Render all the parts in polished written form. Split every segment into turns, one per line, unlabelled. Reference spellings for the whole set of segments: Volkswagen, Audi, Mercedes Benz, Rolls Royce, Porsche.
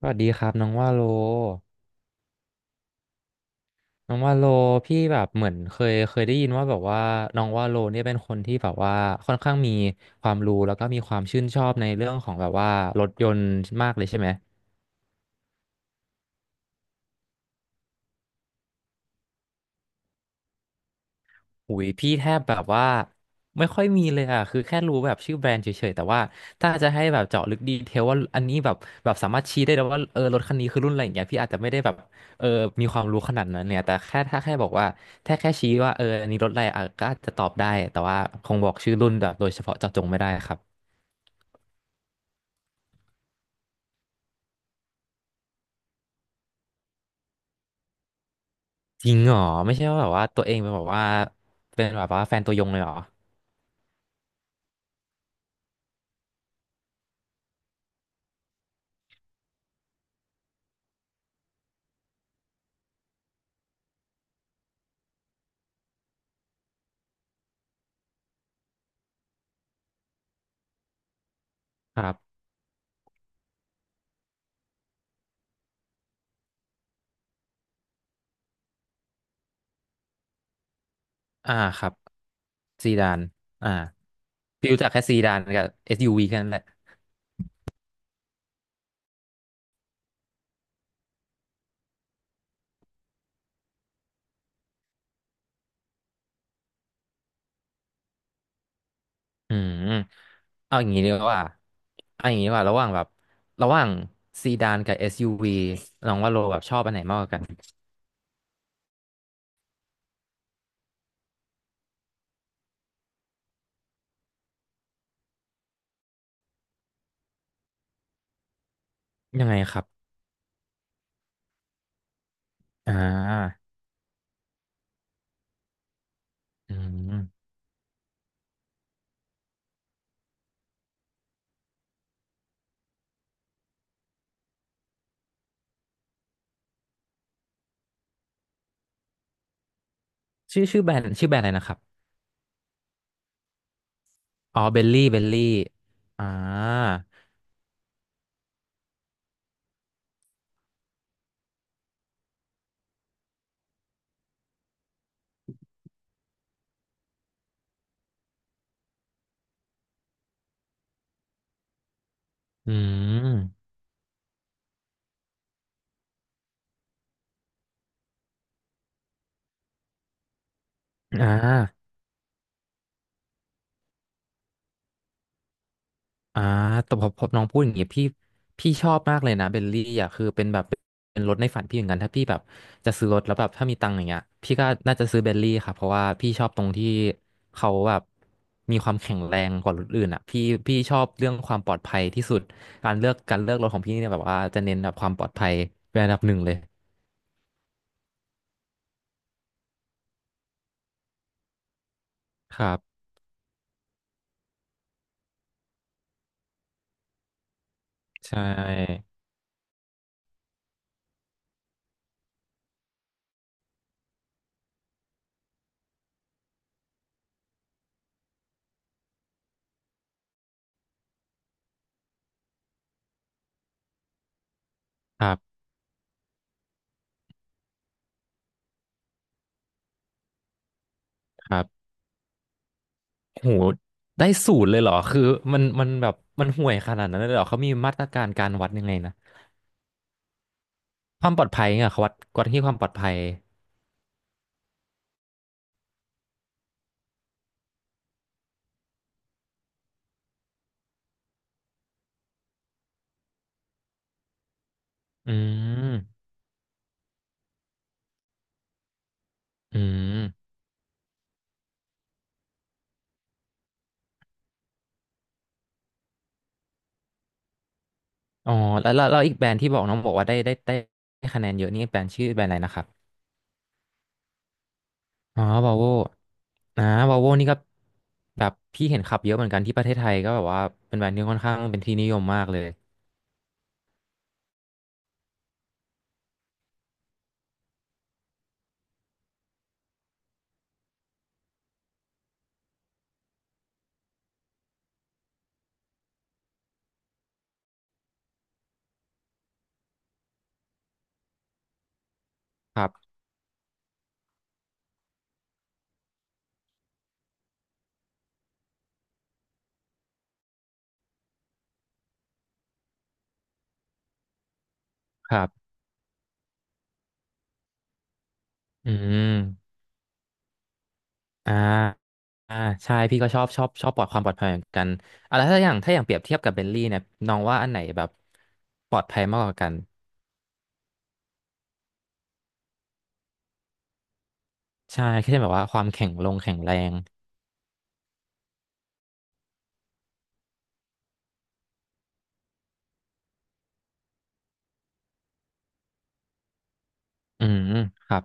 สวัสดีครับน้องว่าโลน้องว่าโลพี่แบบเหมือนเคยได้ยินว่าแบบว่าน้องว่าโลเนี่ยเป็นคนที่แบบว่าค่อนข้างมีความรู้แล้วก็มีความชื่นชอบในเรื่องของแบบว่ารถยนต์มากเลยใช่ไหม หุยพี่แทบแบบว่าไม่ค่อยมีเลยอ่ะคือแค่รู้แบบชื่อแบรนด์เฉยๆแต่ว่าถ้าจะให้แบบเจาะลึกดีเทลว่าอันนี้แบบแบบสามารถชี้ได้เลยวว่าเออรถคันนี้คือรุ่นอะไรอย่างเงี้ยพี่อาจจะไม่ได้แบบเออมีความรู้ขนาดนั้นเนี่ยแต่แค่ถ้าแค่บอกว่าแค่ชี้ว่าเอออันนี้รถอะไรอ่ะก็อาจจะตอบได้แต่ว่าคงบอกชื่อรุ่นแบบโดยเฉพาะเจาะจงไม่ได้ครับจริงเหรอไม่ใช่ว่าแบบว่าตัวเองเป็นแบบว่าเป็นแบบว่าแฟนตัวยงเลยเหรอครับอ่าครับซีดานอ่าพี่รู้จักแค่ซีดานกับ SUV แค่นั้นแหละ อืมเอาอย่างนี้ดีกว่าเอาอย่างนี้ดีกว่าระหว่างแบบระหว่างซีดานกับ SUV น้องว่าโลแบบชอบอันไหนมากกว่ากันยังไงครับอ่าอืมชื่อแบรนด์ชื่อแบรนด์อะไรนะครับอ๋อเบลลี่เบลลี่อ่าอืมอ่า อ่าแต่พอน้องพูดอย่างเงี้ยพี่พี่ชอบมากเลยนะเบลลี่อ่ะคือเป็นแบบเป็นรถในฝันพี่เหมือนกันถ้าพี่แบบจะซื้อรถแล้วแบบถ้ามีตังค์อย่างเงี้ยพี่ก็น่าจะซื้อเบลลี่ค่ะเพราะว่าพี่ชอบตรงที่เขาแบบมีความแข็งแรงกว่ารถอื่นอ่ะพี่พี่ชอบเรื่องความปลอดภัยที่สุดการเลือกรถของพี่เนี่ยแบบว่าจะเน้นแบบความปลอดภัยเป็นอันดับหนึ่งเลยครับใช่ครับครับโหได้สูตรเลยเหรอคือมันแบบมันห่วยขนาดนั้นเลยเหรอเขามีมาตรการการวัดยังไงนะ ความปลอดภัยเนี่ยเขาวัดที่ความปลอดภัยอืมอืมอ๋อแล้วอีกแบรนด์ที่บอกน้องบอกว่าได้ได้คะแนนเยอะนี่แบรนด์ชื่อแบรนด์อะไรนะครับอ๋อวาโวนอวาโวนี่ก็แบบพี่เห็นขับเยอะเหมือนกันที่ประเทศไทยก็แบบว่าเป็นแบรนด์ที่ค่อนข้างเป็นที่นิยมมากเลยครับครับอืมอ่าอ่าใช่พี่ก็ชอบชอบปลอดความปลอดภัยเหมือนกันอ่ะแล้วถ้าอย่างถ้าอย่างเปรียบเทียบกับเบนลี่เนี่ยน้องว่าอันไหนแบบปลอดภัยมากกว่ากันใช่แค่แบบว่าความแข็งลงแข็งแรง อืมครับ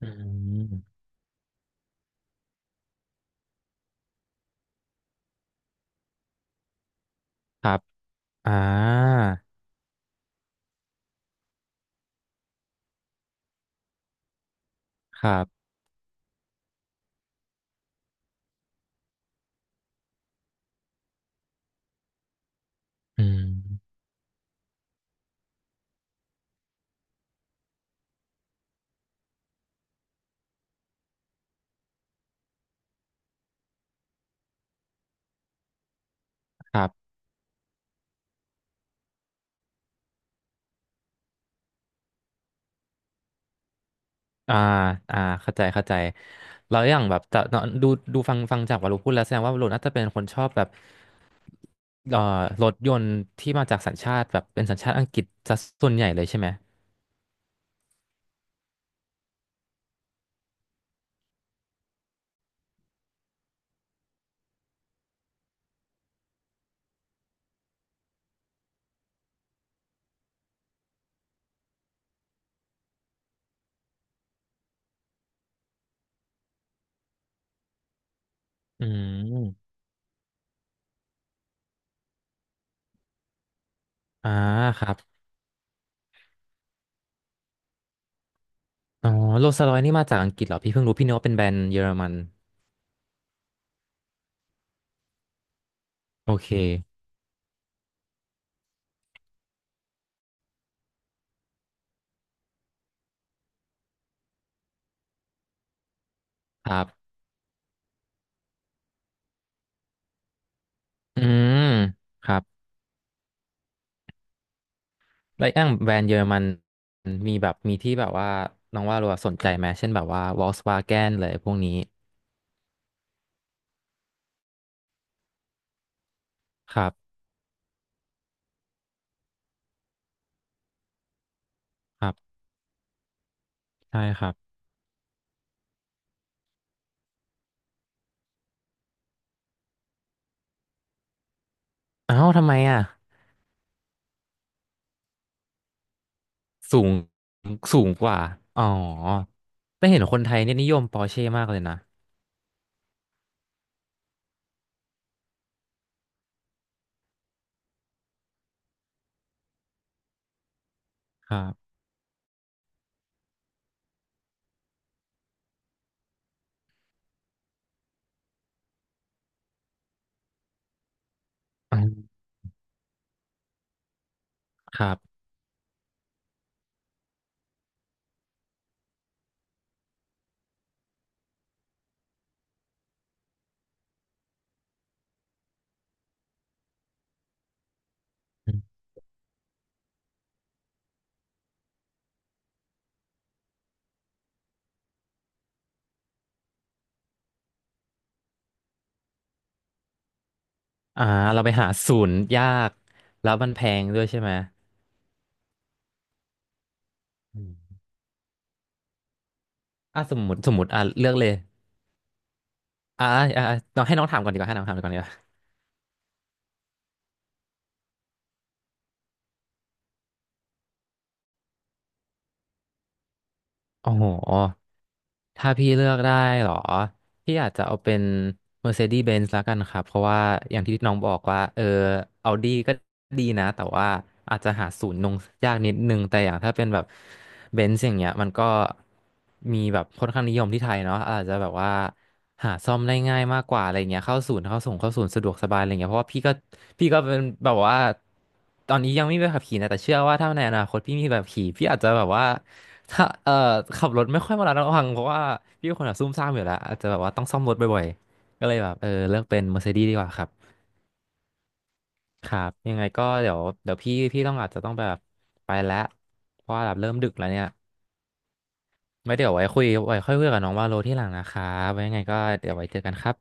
อืมครับอ่าครับอืมครับอ่าอ่าเข้าใจเข้าใจแล้วอย่างแบบจะเนอะดูดูฟังฟังจากวารุพูด แล้วแสดงว่าวารุน่าจะเป็นคนชอบแบบเอ่อรถยนต์ที่มาจากสัญชาติแบบเป็นสัญชาติอังกฤษซะส่วนใหญ่เลยใช่ไหมอืมอ่าครับ อ๋อโรลส์รอยซ์นี่มาจากอังกฤษเหรอ พี่เพิ่งรู้ พี่นึกว่าเป็นแบรนด์เยอรมันโอเคครับอืมครับ แล้วอย่างแบรนด์เยอรมันมีแบบมีที่แบบว่าน้องว่ารัวสนใจไหมเช่นแบบว่าวอล k ์ w วาแกนเลยพวกนี้ครับครับใช่ครับอ้าวทำไมอ่ะสูงสูงกว่าอ๋อแต่เห็นคนไทยเนี่ยนิยมปอร์เช่มากเลยนะครับอืมครับอืมอ่าเราไปหาศูนย์ยากแล้วมันแพงด้วยใช่ไหมอืมอ่ะสมมติสมมติอ่ะเลือกเลยอ่ะน้องให้น้องถามก่อนดีกว่าให้น้องถามก่อนดีกว่าโอ้โห ถ้าพี่เลือกได้เหรอพี่อาจจะเอาเป็น Mercedes Benz แล้วกันครับเพราะว่าอย่างที่น้องบอกว่าเออ Audi ก็ดีนะแต่ว่าอาจจะหาศูนย์นงยากนิดนึงแต่อย่างถ้าเป็นแบบ Benz อย่างเงี้ยมันก็มีแบบค่อนข้างนิยมที่ไทยเนาะอาจจะแบบว่าหาซ่อมได้ง่ายมากกว่าอะไรเงี้ยเข้าศูนย์เข้าส่งเข้าศูนย์สะดวกสบายอะไรเงี้ยเพราะว่าพี่ก็เป็นแบบว่าตอนนี้ยังไม่มีใบขับขี่นะแต่เชื่อว่าถ้าในอนาคตพี่มีใบขับขี่พี่อาจจะแบบว่า ถ้าขับรถไม่ค่อยมาระมัดระวังเพราะว่าพี่เป็นคนแบบซุ่มซ่ามอยู่แล้วอาจจะแบบว่าต้องซ่อมรถบ่อยๆก็เลยแบบเออเลือกเป็น Mercedes ดีกว่าครับครับยังไงก็เดี๋ยวพี่ต้องอาจจะต้องแบบไปแล้วเพราะว่าแบบเริ่มดึกแล้วเนี่ยไม่เดี๋ยวไว้คุยไว้ค่อยคุยกับน้องว่าโลที่หลังนะครับไว้ยังไงก็เดี๋ยวไว้เจอกันครับ